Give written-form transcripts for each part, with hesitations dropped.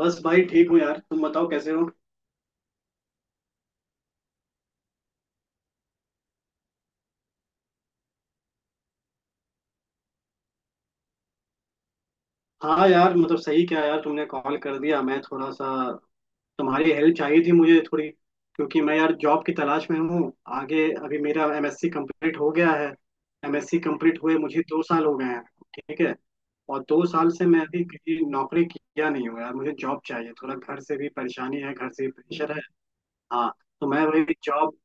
बस भाई ठीक हूँ यार। तुम बताओ कैसे हो। हाँ यार, मतलब सही क्या यार तुमने कॉल कर दिया। मैं थोड़ा सा, तुम्हारी हेल्प चाहिए थी मुझे थोड़ी, क्योंकि मैं यार जॉब की तलाश में हूँ। आगे अभी मेरा एमएससी कंप्लीट हो गया है। एमएससी कंप्लीट हुए मुझे 2 साल हो गए हैं। ठीक है। और 2 साल से मैं अभी किसी नौकरी किया नहीं हूँ यार, मुझे जॉब चाहिए, थोड़ा घर से भी परेशानी है, घर से भी प्रेशर है। हाँ, तो मैं वही जॉब।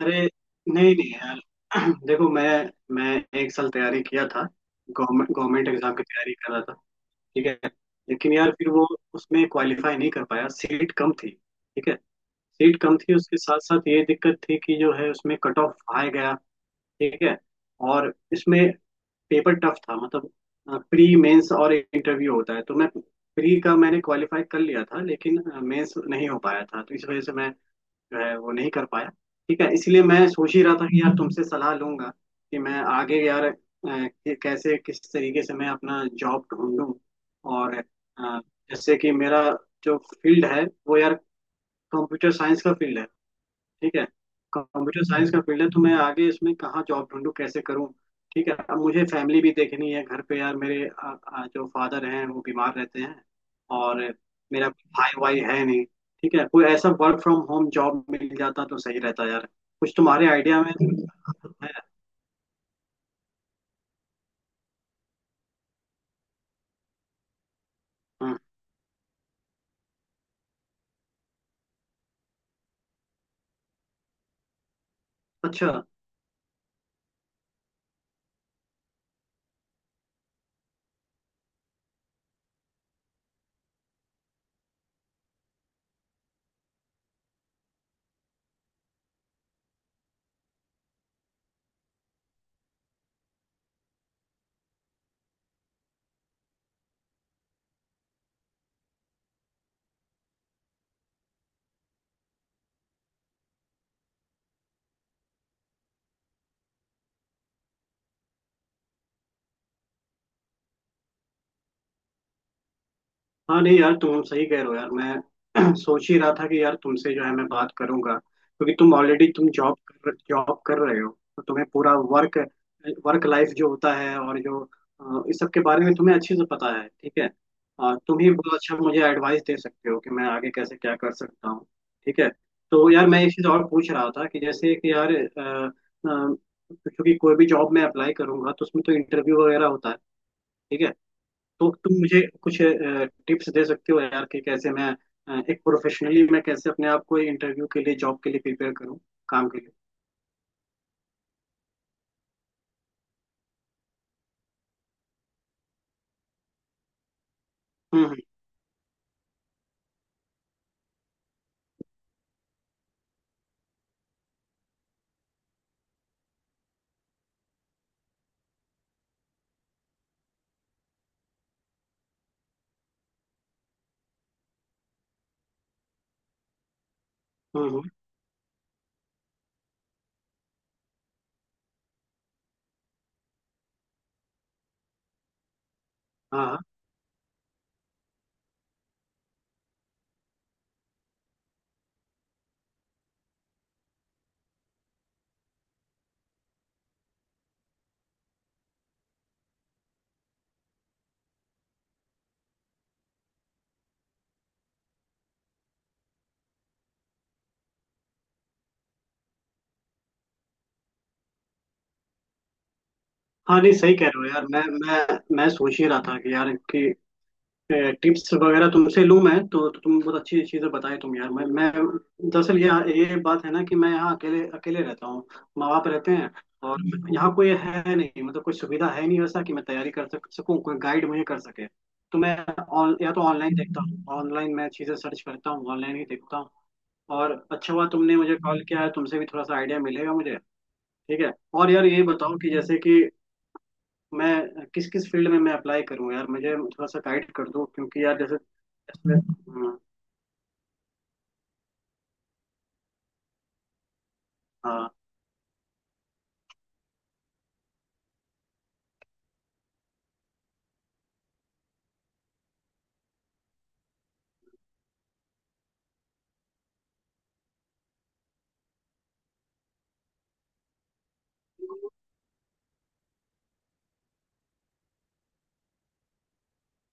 अरे नहीं नहीं यार देखो मैं 1 साल तैयारी किया था। गवर्नमेंट गवर्नमेंट एग्जाम की तैयारी कर रहा था। ठीक है। लेकिन यार फिर वो, उसमें क्वालिफाई नहीं कर पाया, सीट कम थी। ठीक है। सीट कम थी, उसके साथ साथ ये दिक्कत थी कि जो है उसमें कट ऑफ हाई गया। ठीक है। और इसमें पेपर टफ था मतलब। प्री मेंस और इंटरव्यू होता है, तो मैं, प्री का मैंने क्वालिफाई कर लिया था, लेकिन मेंस नहीं हो पाया था, तो इस वजह से मैं वो नहीं कर पाया। ठीक है, इसलिए मैं सोच ही रहा था कि यार तुमसे सलाह लूंगा कि मैं आगे यार कि कैसे किस तरीके से मैं अपना जॉब ढूंढूं। और जैसे कि मेरा जो फील्ड है वो यार कंप्यूटर साइंस का फील्ड है। ठीक है। कंप्यूटर साइंस का फील्ड है, तो मैं आगे इसमें कहाँ जॉब ढूंढूं कैसे करूं। ठीक है। अब मुझे फैमिली भी देखनी है, घर पे यार मेरे जो फादर हैं वो बीमार रहते हैं। और मेरा भाई वाई है नहीं। ठीक है, कोई ऐसा वर्क फ्रॉम होम जॉब मिल जाता तो सही रहता यार। कुछ तुम्हारे आइडिया में है। हम्म। अच्छा। हाँ नहीं यार तुम सही कह रहे हो यार। मैं सोच ही रहा था कि यार तुमसे जो है मैं बात करूंगा, क्योंकि तुम ऑलरेडी तुम जॉब कर रहे हो। तो तुम्हें पूरा वर्क वर्क लाइफ जो होता है और जो इस सब के बारे में तुम्हें अच्छे से पता है। ठीक है। तुम ही बहुत अच्छा मुझे एडवाइस दे सकते हो कि मैं आगे कैसे क्या कर सकता हूँ। ठीक है। तो यार मैं एक चीज़ और पूछ रहा था कि जैसे कि यार क्योंकि कोई भी जॉब मैं अप्लाई करूंगा तो उसमें तो इंटरव्यू वगैरह होता है। ठीक है। तो तुम मुझे कुछ टिप्स दे सकते हो यार कि कैसे मैं एक प्रोफेशनली मैं कैसे अपने आप को इंटरव्यू के लिए जॉब के लिए प्रिपेयर करूँ, काम के लिए। हम्म। हम्म। हम्म। हम्म। हाँ हाँ। हाँ, नहीं सही कह रहे हो यार। मैं सोच ही रहा था कि यार कि टिप्स वगैरह तुमसे लूं मैं, तो तुम बहुत अच्छी चीजें बताए तुम यार। मैं दरअसल ये बात है ना कि मैं यहाँ अकेले अकेले रहता हूँ। माँ बाप रहते हैं और यहाँ कोई है नहीं, मतलब कोई सुविधा है नहीं वैसा कि मैं तैयारी कर सक सकूँ, कोई गाइड मुझे कर सके। तो मैं या तो ऑनलाइन देखता हूँ, ऑनलाइन मैं चीजें सर्च करता हूँ, ऑनलाइन ही देखता हूँ। और अच्छा हुआ तुमने मुझे कॉल किया है, तुमसे भी थोड़ा सा आइडिया मिलेगा मुझे। ठीक है। और यार ये बताओ कि जैसे कि मैं किस किस फील्ड में मैं अप्लाई करूं यार, मुझे थोड़ा सा गाइड कर दो, क्योंकि यार जैसे इसमें। हम्म। हाँ।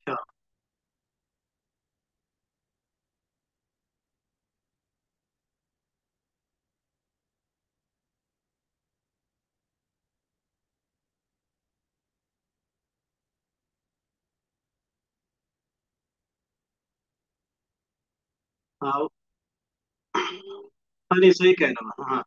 अच्छा। हाँ हाँ, नहीं सही कह रहा हूँ। हाँ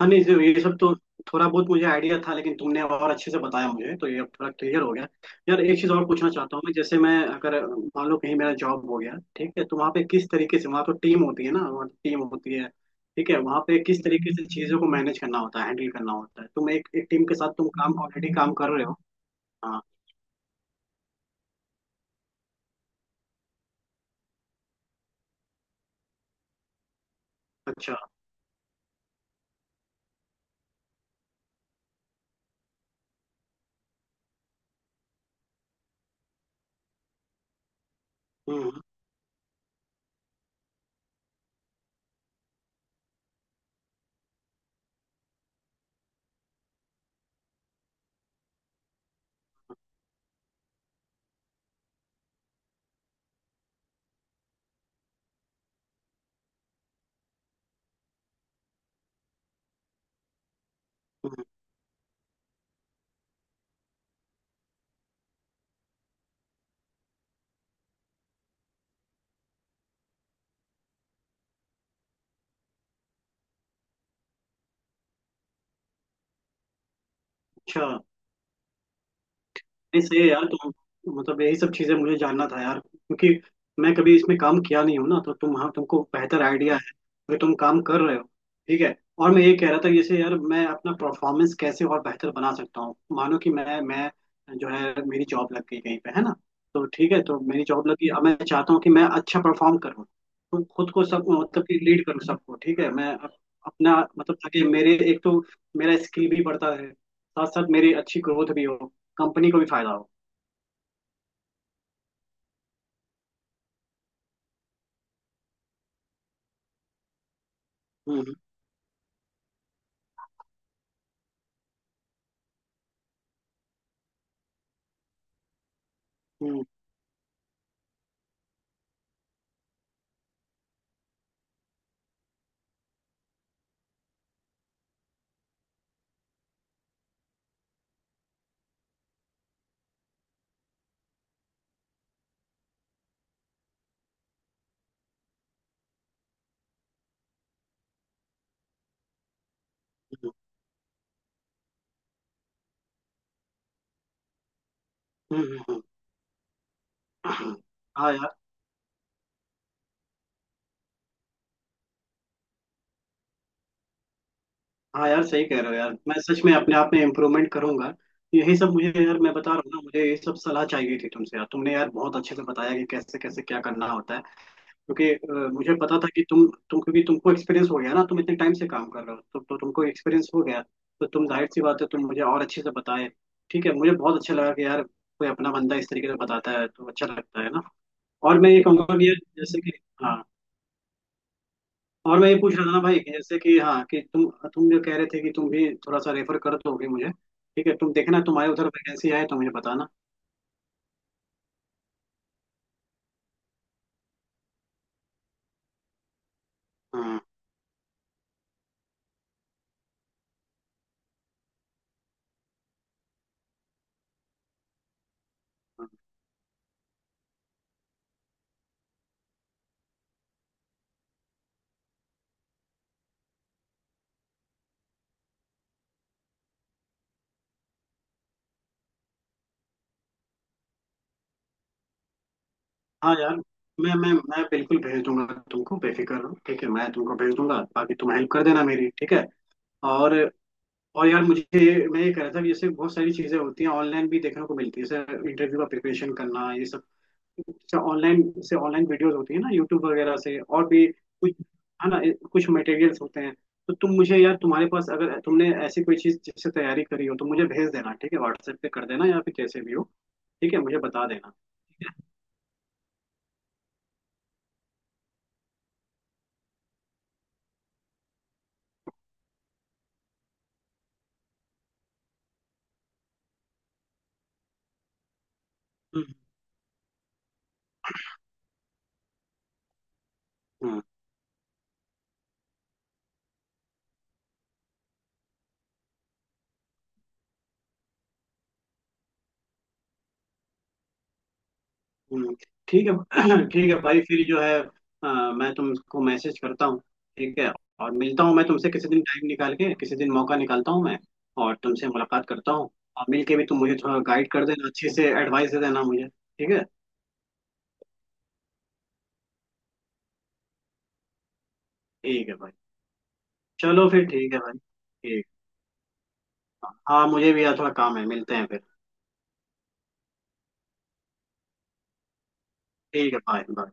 हाँ, नहीं जो ये सब तो थोड़ा बहुत मुझे आइडिया था, लेकिन तुमने और अच्छे से बताया मुझे तो ये अब थोड़ा क्लियर हो गया। यार एक चीज़ और पूछना चाहता हूँ मैं, जैसे मैं अगर मान लो कहीं मेरा जॉब हो गया, ठीक है, तो वहाँ पे किस तरीके से, वहाँ तो टीम होती है ना, वहाँ टीम होती है। ठीक है, वहाँ पे किस तरीके से चीज़ों को मैनेज करना होता है, हैंडल करना होता है। तुम एक एक टीम के साथ तुम काम ऑलरेडी काम कर रहे हो। हाँ। अच्छा। हम्म। हम्म। अच्छा। नहीं सही है यार, तुम, मतलब यही सब चीजें मुझे जानना था यार, क्योंकि मैं कभी इसमें काम किया नहीं हूँ ना, तो तुम, हाँ तुमको बेहतर आइडिया है कि तुम काम कर रहे हो। ठीक है। और मैं ये कह रहा था, जैसे यार मैं अपना परफॉर्मेंस कैसे और बेहतर बना सकता हूँ, मानो कि मैं जो है, मेरी जॉब लग गई कहीं पे है ना, तो ठीक है, तो मेरी जॉब लगी, अब मैं चाहता हूँ कि मैं अच्छा परफॉर्म करूँ, तो खुद को सब मतलब कि लीड करूँ सबको। ठीक है, अपना मतलब ताकि मेरे, एक तो मेरा स्किल भी बढ़ता रहे, साथ साथ मेरी अच्छी ग्रोथ भी हो, कंपनी को भी फायदा हो। हम्म। हम्म। हम्म। हम्म। हम्म। हम्म। हाँ यार। हाँ यार सही कह रहे हो यार, मैं सच में अपने आप में इम्प्रूवमेंट करूंगा। यही सब मुझे यार मैं बता रहा हूँ ना, मुझे ये सब सलाह चाहिए थी तुमसे यार, तुमने यार बहुत अच्छे से बताया कि कैसे कैसे क्या करना होता है। क्योंकि मुझे पता था कि तुम क्योंकि तुमको एक्सपीरियंस हो गया ना, तुम इतने टाइम से काम कर रहे हो, तो तुमको एक्सपीरियंस हो गया। तो तुम जाहिर सी बात है, तुम मुझे और अच्छे से बताए। ठीक है, मुझे बहुत अच्छा लगा कि यार कोई अपना बंदा इस तरीके से बताता है तो अच्छा लगता है ना। और मैं ये कहूंगा कि यार जैसे कि, हाँ। और मैं ये पूछ रहा था ना भाई कि जैसे कि हाँ, कि तुम जो कह रहे थे कि तुम भी थोड़ा सा रेफर कर दोगे मुझे, ठीक है तुम देखना, तुम्हारे उधर वैकेंसी आए तो मुझे बताना। हाँ हाँ। हाँ यार, मैं बिल्कुल भेज दूंगा तुमको, बेफिक्र रहो। ठीक है, मैं तुमको भेज दूंगा, बाकी तुम हेल्प कर देना मेरी। ठीक है। और यार मुझे, मैं ये कह रहा था कि जैसे बहुत सारी चीजें होती हैं ऑनलाइन भी देखने को मिलती है, जैसे इंटरव्यू का प्रिपरेशन करना, ये सब से ऑनलाइन से ऑनलाइन वीडियोस होती है ना, यूट्यूब वगैरह से और भी कुछ है ना, कुछ मटेरियल्स होते हैं। तो तुम मुझे यार, तुम्हारे पास अगर तुमने ऐसी कोई चीज जिससे तैयारी करी हो तो मुझे भेज देना, ठीक है व्हाट्सएप पे कर देना या फिर जैसे भी हो। ठीक है मुझे बता देना। ठीक है। हम्म। हम्म। ठीक है ठीक है भाई, फिर जो है मैं तुमको मैसेज करता हूँ। ठीक है। और मिलता हूँ मैं तुमसे किसी दिन, टाइम निकाल के किसी दिन मौका निकालता हूँ मैं, और तुमसे मुलाकात करता हूँ। और मिल के भी तुम मुझे थोड़ा गाइड कर देना अच्छे से, एडवाइस दे देना मुझे। ठीक है। ठीक है भाई, चलो फिर, ठीक है भाई। ठीक। हाँ मुझे भी यार थोड़ा काम है, मिलते हैं फिर। ठीक है, बाय बाय।